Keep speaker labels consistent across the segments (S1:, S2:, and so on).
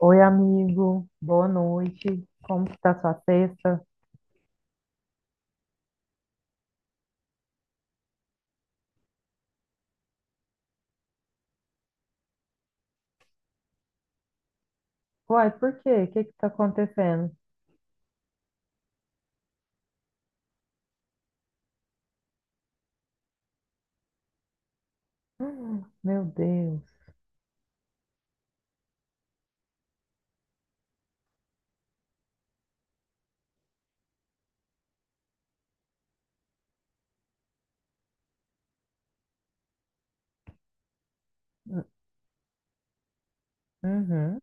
S1: Oi, amigo. Boa noite. Como que tá sua sexta? Uai, por quê? O que que tá acontecendo? Meu Deus. Hum. Uhum.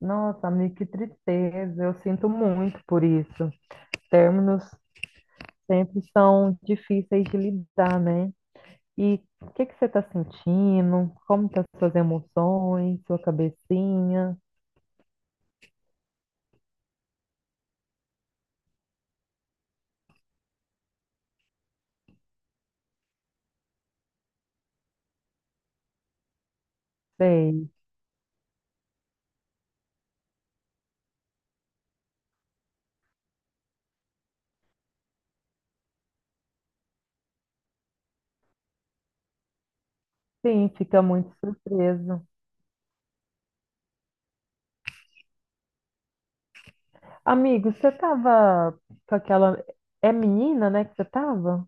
S1: Nossa, amigo, que tristeza. Eu sinto muito por isso. Términos sempre são difíceis de lidar, né? E o que que você tá sentindo? Como tá suas emoções, sua cabecinha? Sei. Sim, fica muito surpreso. Amigo, você tava com aquela... É menina, né, que você tava?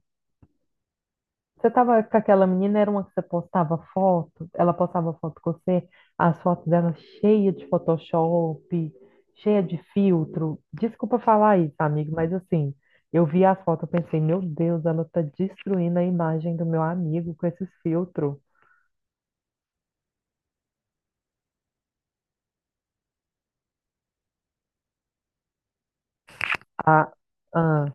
S1: Você tava com aquela menina, era uma que você postava foto, ela postava foto com você, as fotos dela cheia de Photoshop, cheia de filtro. Desculpa falar isso, amigo, mas assim, eu vi as fotos, eu pensei, meu Deus, ela tá destruindo a imagem do meu amigo com esses filtros. Ah, ah,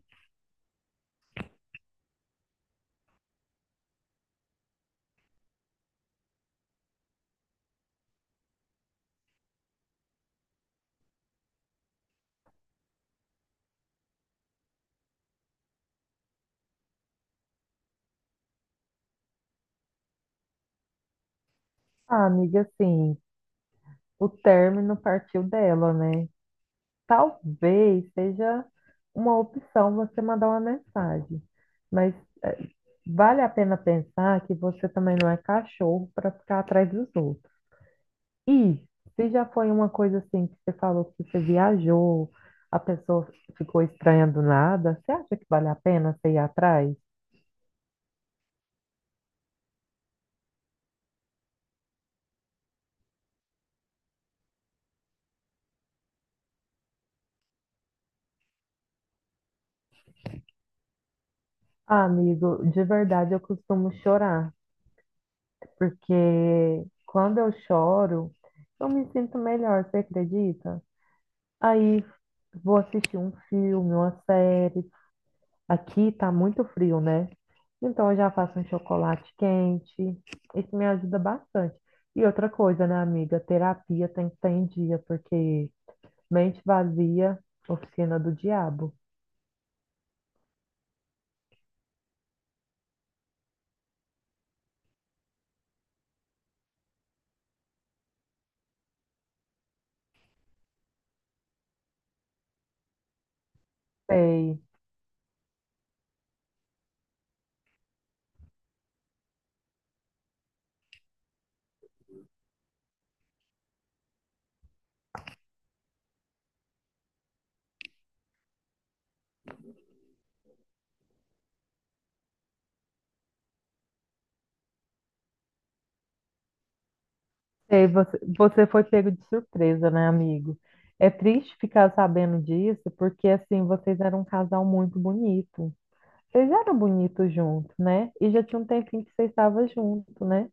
S1: ah, amiga, assim, o término partiu dela, né? Talvez seja uma opção você mandar uma mensagem, mas vale a pena pensar que você também não é cachorro para ficar atrás dos outros. E se já foi uma coisa assim que você falou que você viajou, a pessoa ficou estranha do nada, você acha que vale a pena você ir atrás? Ah, amigo, de verdade eu costumo chorar, porque quando eu choro, eu me sinto melhor, você acredita? Aí vou assistir um filme, uma série. Aqui tá muito frio, né? Então eu já faço um chocolate quente. Isso me ajuda bastante. E outra coisa, né, amiga? Terapia tem que estar em dia, porque mente vazia, oficina do diabo. Sei. Sei, você, você foi pego de surpresa, né, amigo? É triste ficar sabendo disso, porque assim, vocês eram um casal muito bonito. Vocês eram bonitos juntos, né? E já tinha um tempinho que vocês estavam juntos, né?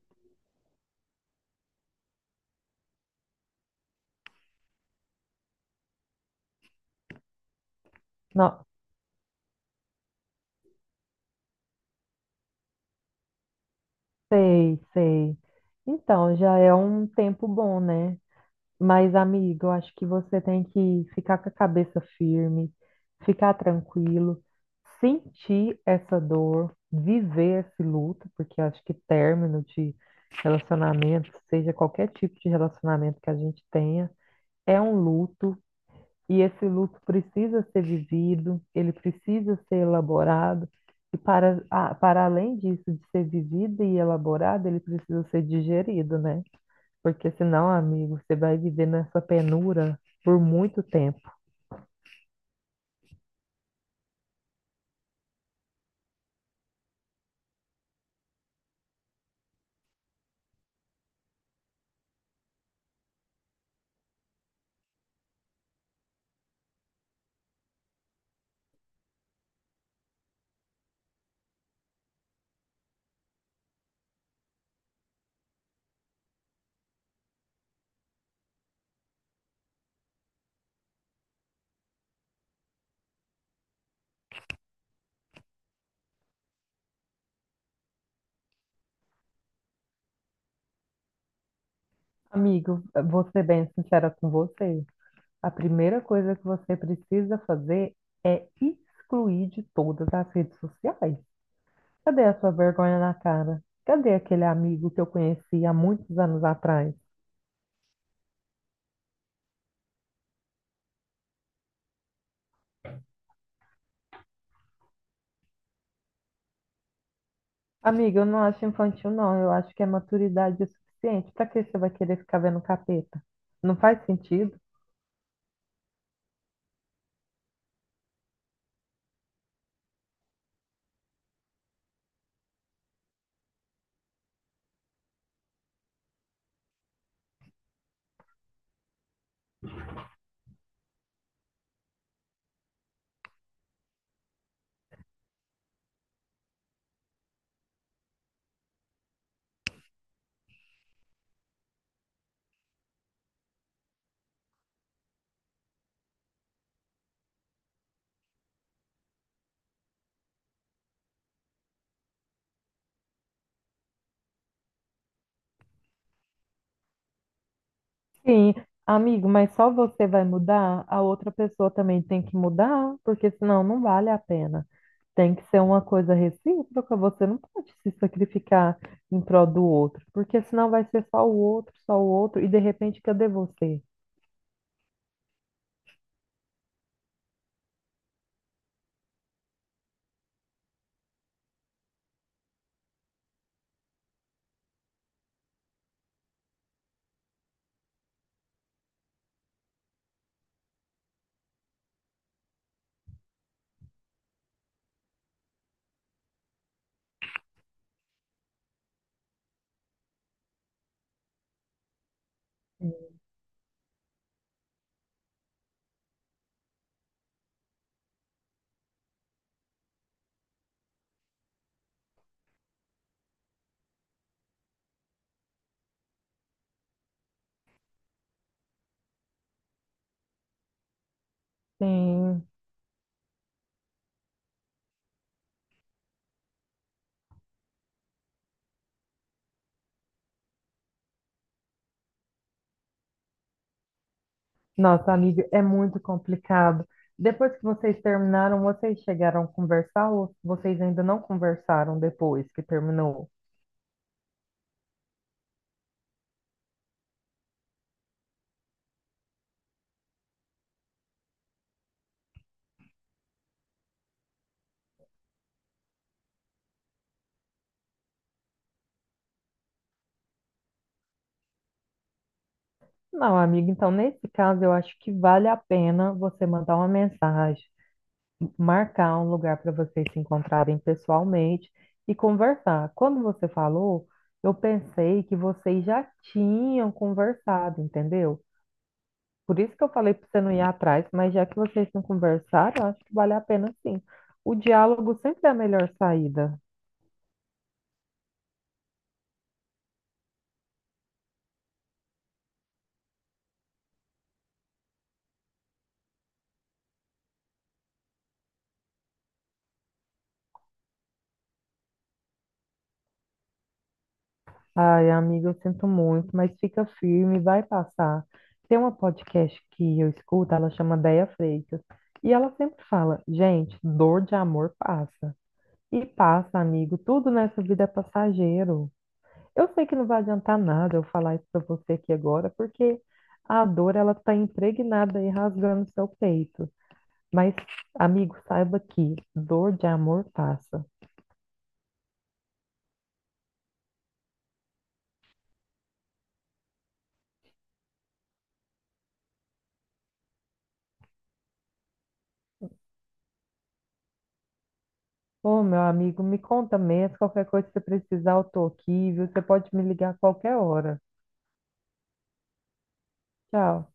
S1: Não. Sei, sei. Então, já é um tempo bom, né? Mas, amigo, eu acho que você tem que ficar com a cabeça firme, ficar tranquilo, sentir essa dor, viver esse luto, porque eu acho que término de relacionamento, seja qualquer tipo de relacionamento que a gente tenha, é um luto. E esse luto precisa ser vivido, ele precisa ser elaborado, e para, para além disso, de ser vivido e elaborado, ele precisa ser digerido, né? Porque senão, amigo, você vai viver nessa penura por muito tempo. Amigo, vou ser bem sincera com você. A primeira coisa que você precisa fazer é excluir de todas as redes sociais. Cadê a sua vergonha na cara? Cadê aquele amigo que eu conheci há muitos anos atrás? Amiga, eu não acho infantil, não. Eu acho que é maturidade o suficiente. Pra que você vai querer ficar vendo capeta? Não faz sentido? Sim, amigo, mas só você vai mudar, a outra pessoa também tem que mudar, porque senão não vale a pena. Tem que ser uma coisa recíproca, você não pode se sacrificar em prol do outro, porque senão vai ser só o outro, e de repente cadê você? Sim. Nossa, amiga, é muito complicado. Depois que vocês terminaram, vocês chegaram a conversar ou vocês ainda não conversaram depois que terminou? Não, amiga, então nesse caso eu acho que vale a pena você mandar uma mensagem, marcar um lugar para vocês se encontrarem pessoalmente e conversar. Quando você falou, eu pensei que vocês já tinham conversado, entendeu? Por isso que eu falei para você não ir atrás, mas já que vocês não conversaram, eu acho que vale a pena sim. O diálogo sempre é a melhor saída. Ai, amiga, eu sinto muito, mas fica firme, vai passar. Tem uma podcast que eu escuto, ela chama Déia Freitas, e ela sempre fala: gente, dor de amor passa. E passa, amigo, tudo nessa vida é passageiro. Eu sei que não vai adiantar nada eu falar isso para você aqui agora, porque a dor, ela está impregnada e rasgando seu peito. Mas, amigo, saiba que dor de amor passa. Ô, meu amigo, me conta mesmo. Qualquer coisa que você precisar, eu tô aqui, viu? Você pode me ligar a qualquer hora. Tchau.